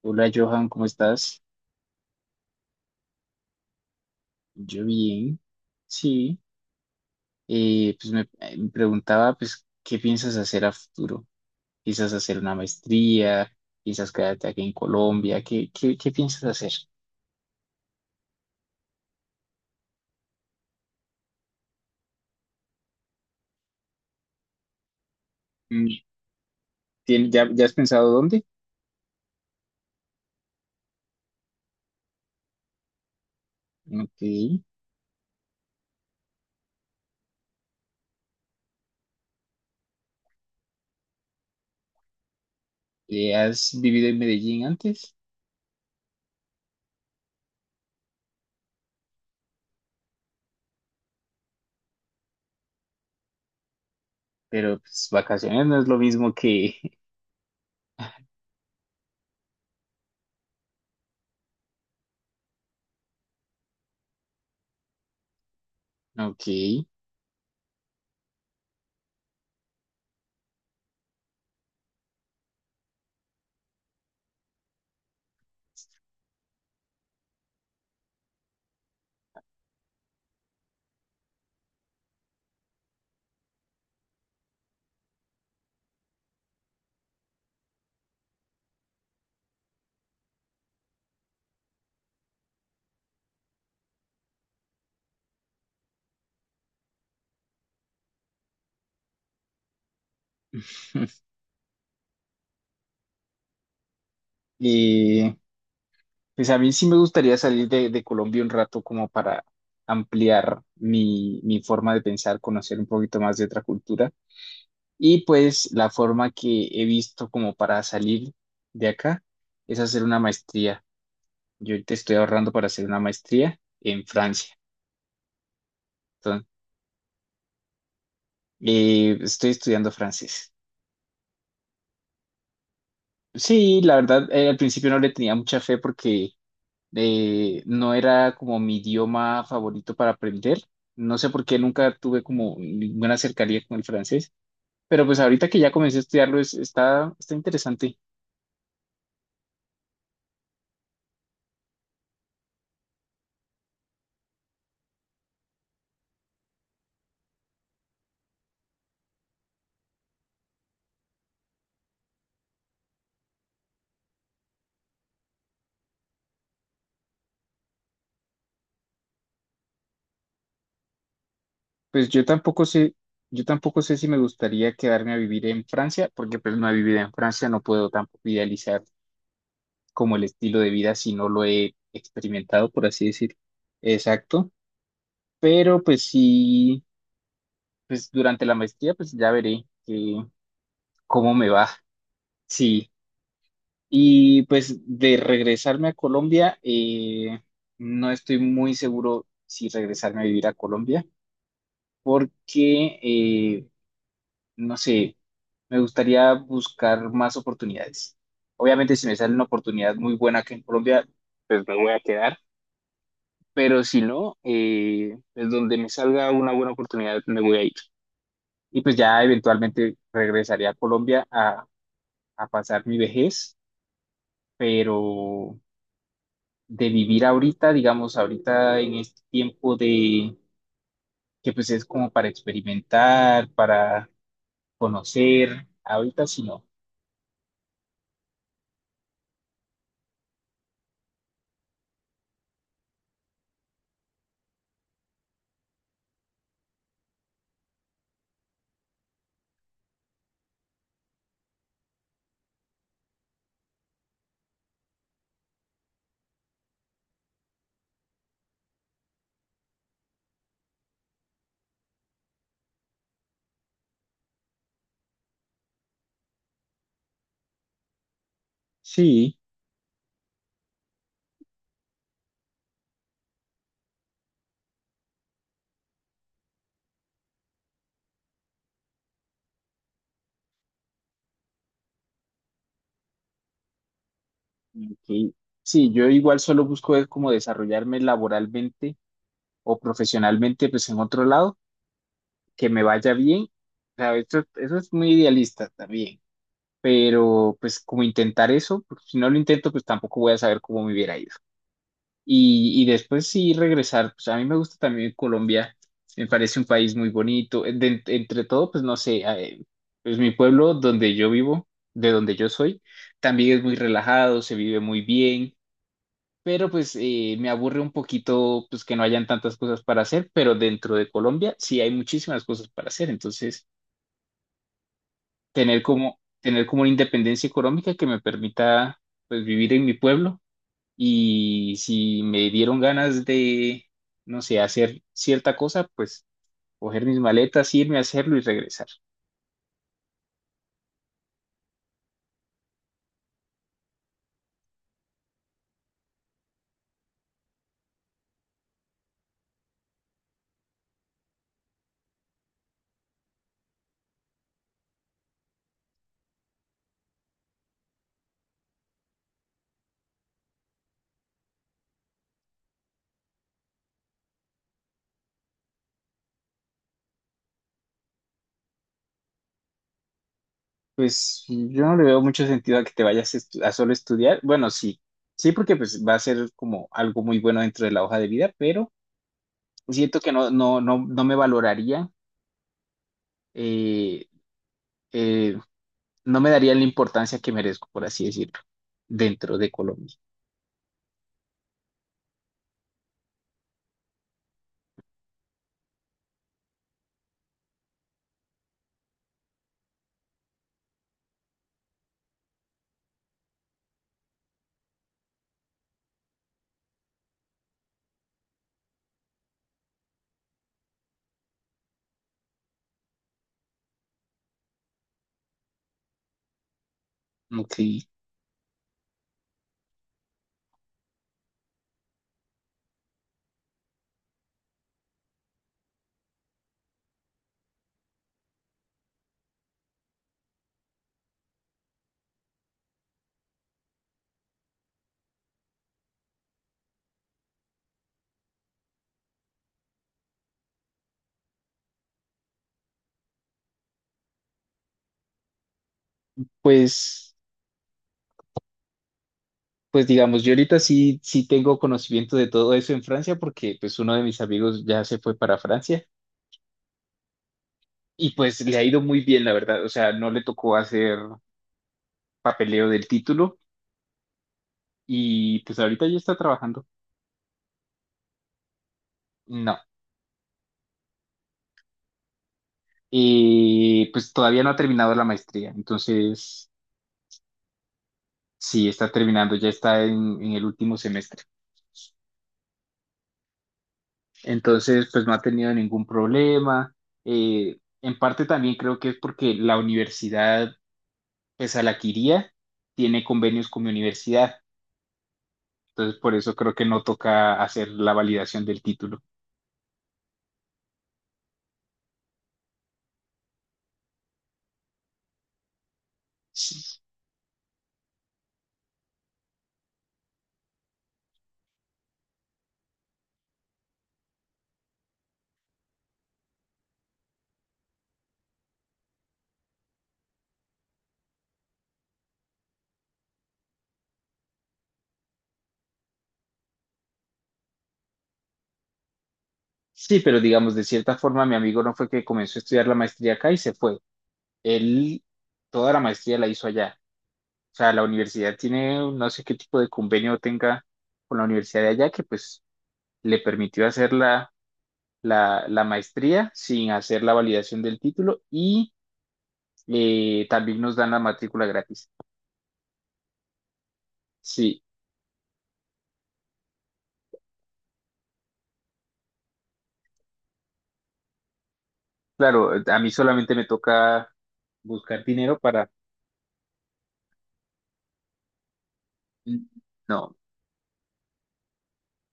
Hola Johan, ¿cómo estás? Yo bien, sí. Pues me, me preguntaba, pues, ¿qué piensas hacer a futuro? ¿Piensas hacer una maestría? ¿Piensas quedarte aquí en Colombia? ¿Qué piensas hacer? Mm, ya, ya has pensado dónde? Ok. ¿Has vivido en Medellín antes? Pero pues vacaciones no es lo mismo que... Ok. Eh, Pues a mí sí me gustaría salir de Colombia un rato como para ampliar mi forma de pensar, conocer un poquito más de otra cultura. Y pues la forma que he visto como para salir de acá es hacer una maestría. Yo te estoy ahorrando para hacer una maestría en Francia. Entonces, estoy estudiando francés. Sí, la verdad, al principio no le tenía mucha fe porque no era como mi idioma favorito para aprender. No sé por qué nunca tuve como ninguna cercanía con el francés, pero pues ahorita que ya comencé a estudiarlo está interesante. Pues yo tampoco sé si me gustaría quedarme a vivir en Francia, porque pues no he vivido en Francia, no puedo tampoco idealizar como el estilo de vida si no lo he experimentado, por así decir. Exacto. Pero pues sí, pues durante la maestría pues ya veré cómo me va. Sí. Y pues de regresarme a Colombia, no estoy muy seguro si regresarme a vivir a Colombia, porque, no sé, me gustaría buscar más oportunidades. Obviamente si me sale una oportunidad muy buena aquí en Colombia, pues me voy a quedar, pero si no, pues donde me salga una buena oportunidad me voy a ir. Y pues ya eventualmente regresaría a Colombia a pasar mi vejez, pero de vivir ahorita, digamos, ahorita en este tiempo de que pues es como para experimentar, para conocer, ahorita sí no. Sí, ok. Sí, yo igual solo busco es como desarrollarme laboralmente o profesionalmente pues en otro lado, que me vaya bien. O sea, eso es muy idealista también, pero pues como intentar eso, porque si no lo intento pues tampoco voy a saber cómo me hubiera ido. Y después sí regresar, pues a mí me gusta también Colombia, me parece un país muy bonito. De entre todo, pues no sé, pues mi pueblo donde yo vivo, de donde yo soy, también es muy relajado, se vive muy bien, pero pues me aburre un poquito pues que no hayan tantas cosas para hacer, pero dentro de Colombia sí hay muchísimas cosas para hacer, entonces tener como una independencia económica que me permita pues vivir en mi pueblo y si me dieron ganas de, no sé, hacer cierta cosa, pues coger mis maletas, irme a hacerlo y regresar. Pues yo no le veo mucho sentido a que te vayas a solo estudiar. Bueno, sí, sí, porque pues va a ser como algo muy bueno dentro de la hoja de vida, pero siento que no me valoraría, eh, eh, no me daría la importancia que merezco, por así decirlo, dentro de Colombia. Ok, pues. Pues digamos, yo ahorita sí tengo conocimiento de todo eso en Francia porque pues uno de mis amigos ya se fue para Francia y pues le ha ido muy bien, la verdad. O sea, no le tocó hacer papeleo del título y pues ahorita ya está trabajando. No, pues todavía no ha terminado la maestría, entonces sí, está terminando, ya está en el último semestre. Entonces, pues no ha tenido ningún problema. En parte también creo que es porque la universidad pues Alaquiría tiene convenios con mi universidad, entonces por eso creo que no toca hacer la validación del título. Sí, sí, pero digamos, de cierta forma, mi amigo no fue que comenzó a estudiar la maestría acá y se fue. Él toda la maestría la hizo allá. O sea, la universidad tiene, no sé qué tipo de convenio tenga con la universidad de allá que pues le permitió hacer la maestría sin hacer la validación del título y también nos dan la matrícula gratis. Sí, claro, a mí solamente me toca buscar dinero para... No,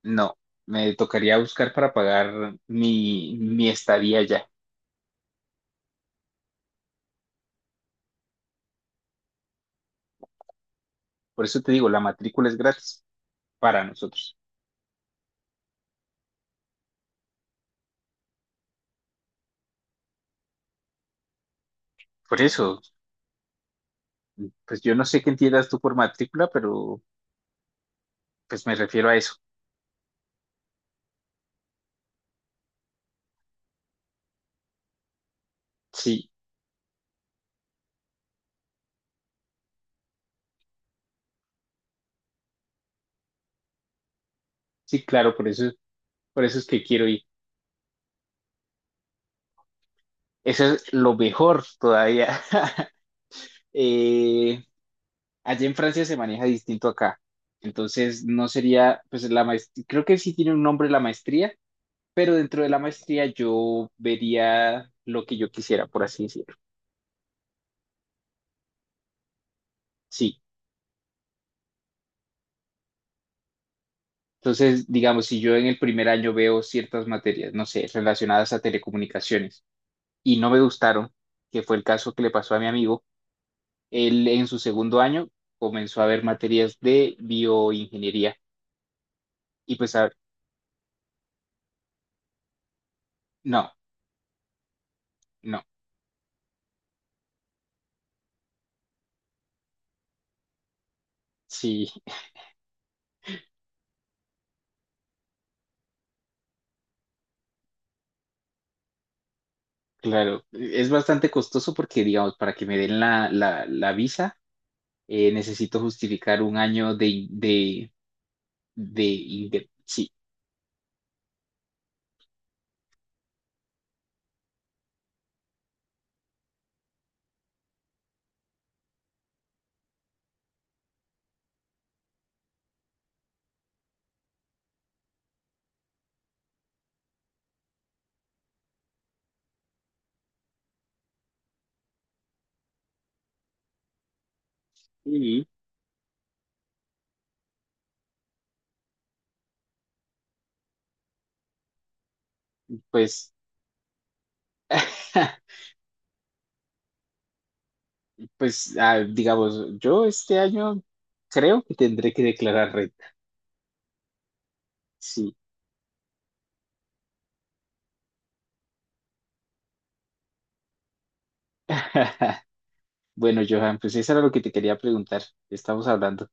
no, me tocaría buscar para pagar mi estadía allá. Por eso te digo, la matrícula es gratis para nosotros. Por eso, pues yo no sé qué entiendas tú por matrícula, pero pues me refiero a eso. Sí, sí, claro, por eso es que quiero ir. Eso es lo mejor todavía. Eh, allá en Francia se maneja distinto acá. Entonces, no sería, pues la maestría, creo que sí tiene un nombre la maestría, pero dentro de la maestría yo vería lo que yo quisiera, por así decirlo. Sí. Entonces, digamos, si yo en el primer año veo ciertas materias, no sé, relacionadas a telecomunicaciones y no me gustaron, que fue el caso que le pasó a mi amigo, él en su segundo año comenzó a ver materias de bioingeniería y pues a no, no, sí. Claro, es bastante costoso porque, digamos, para que me den la visa, necesito justificar un año de, in- de, de, inde- sí. Y pues, pues, ah, digamos, yo este año creo que tendré que declarar renta. Sí. Bueno, Johan, pues eso era lo que te quería preguntar. Estamos hablando.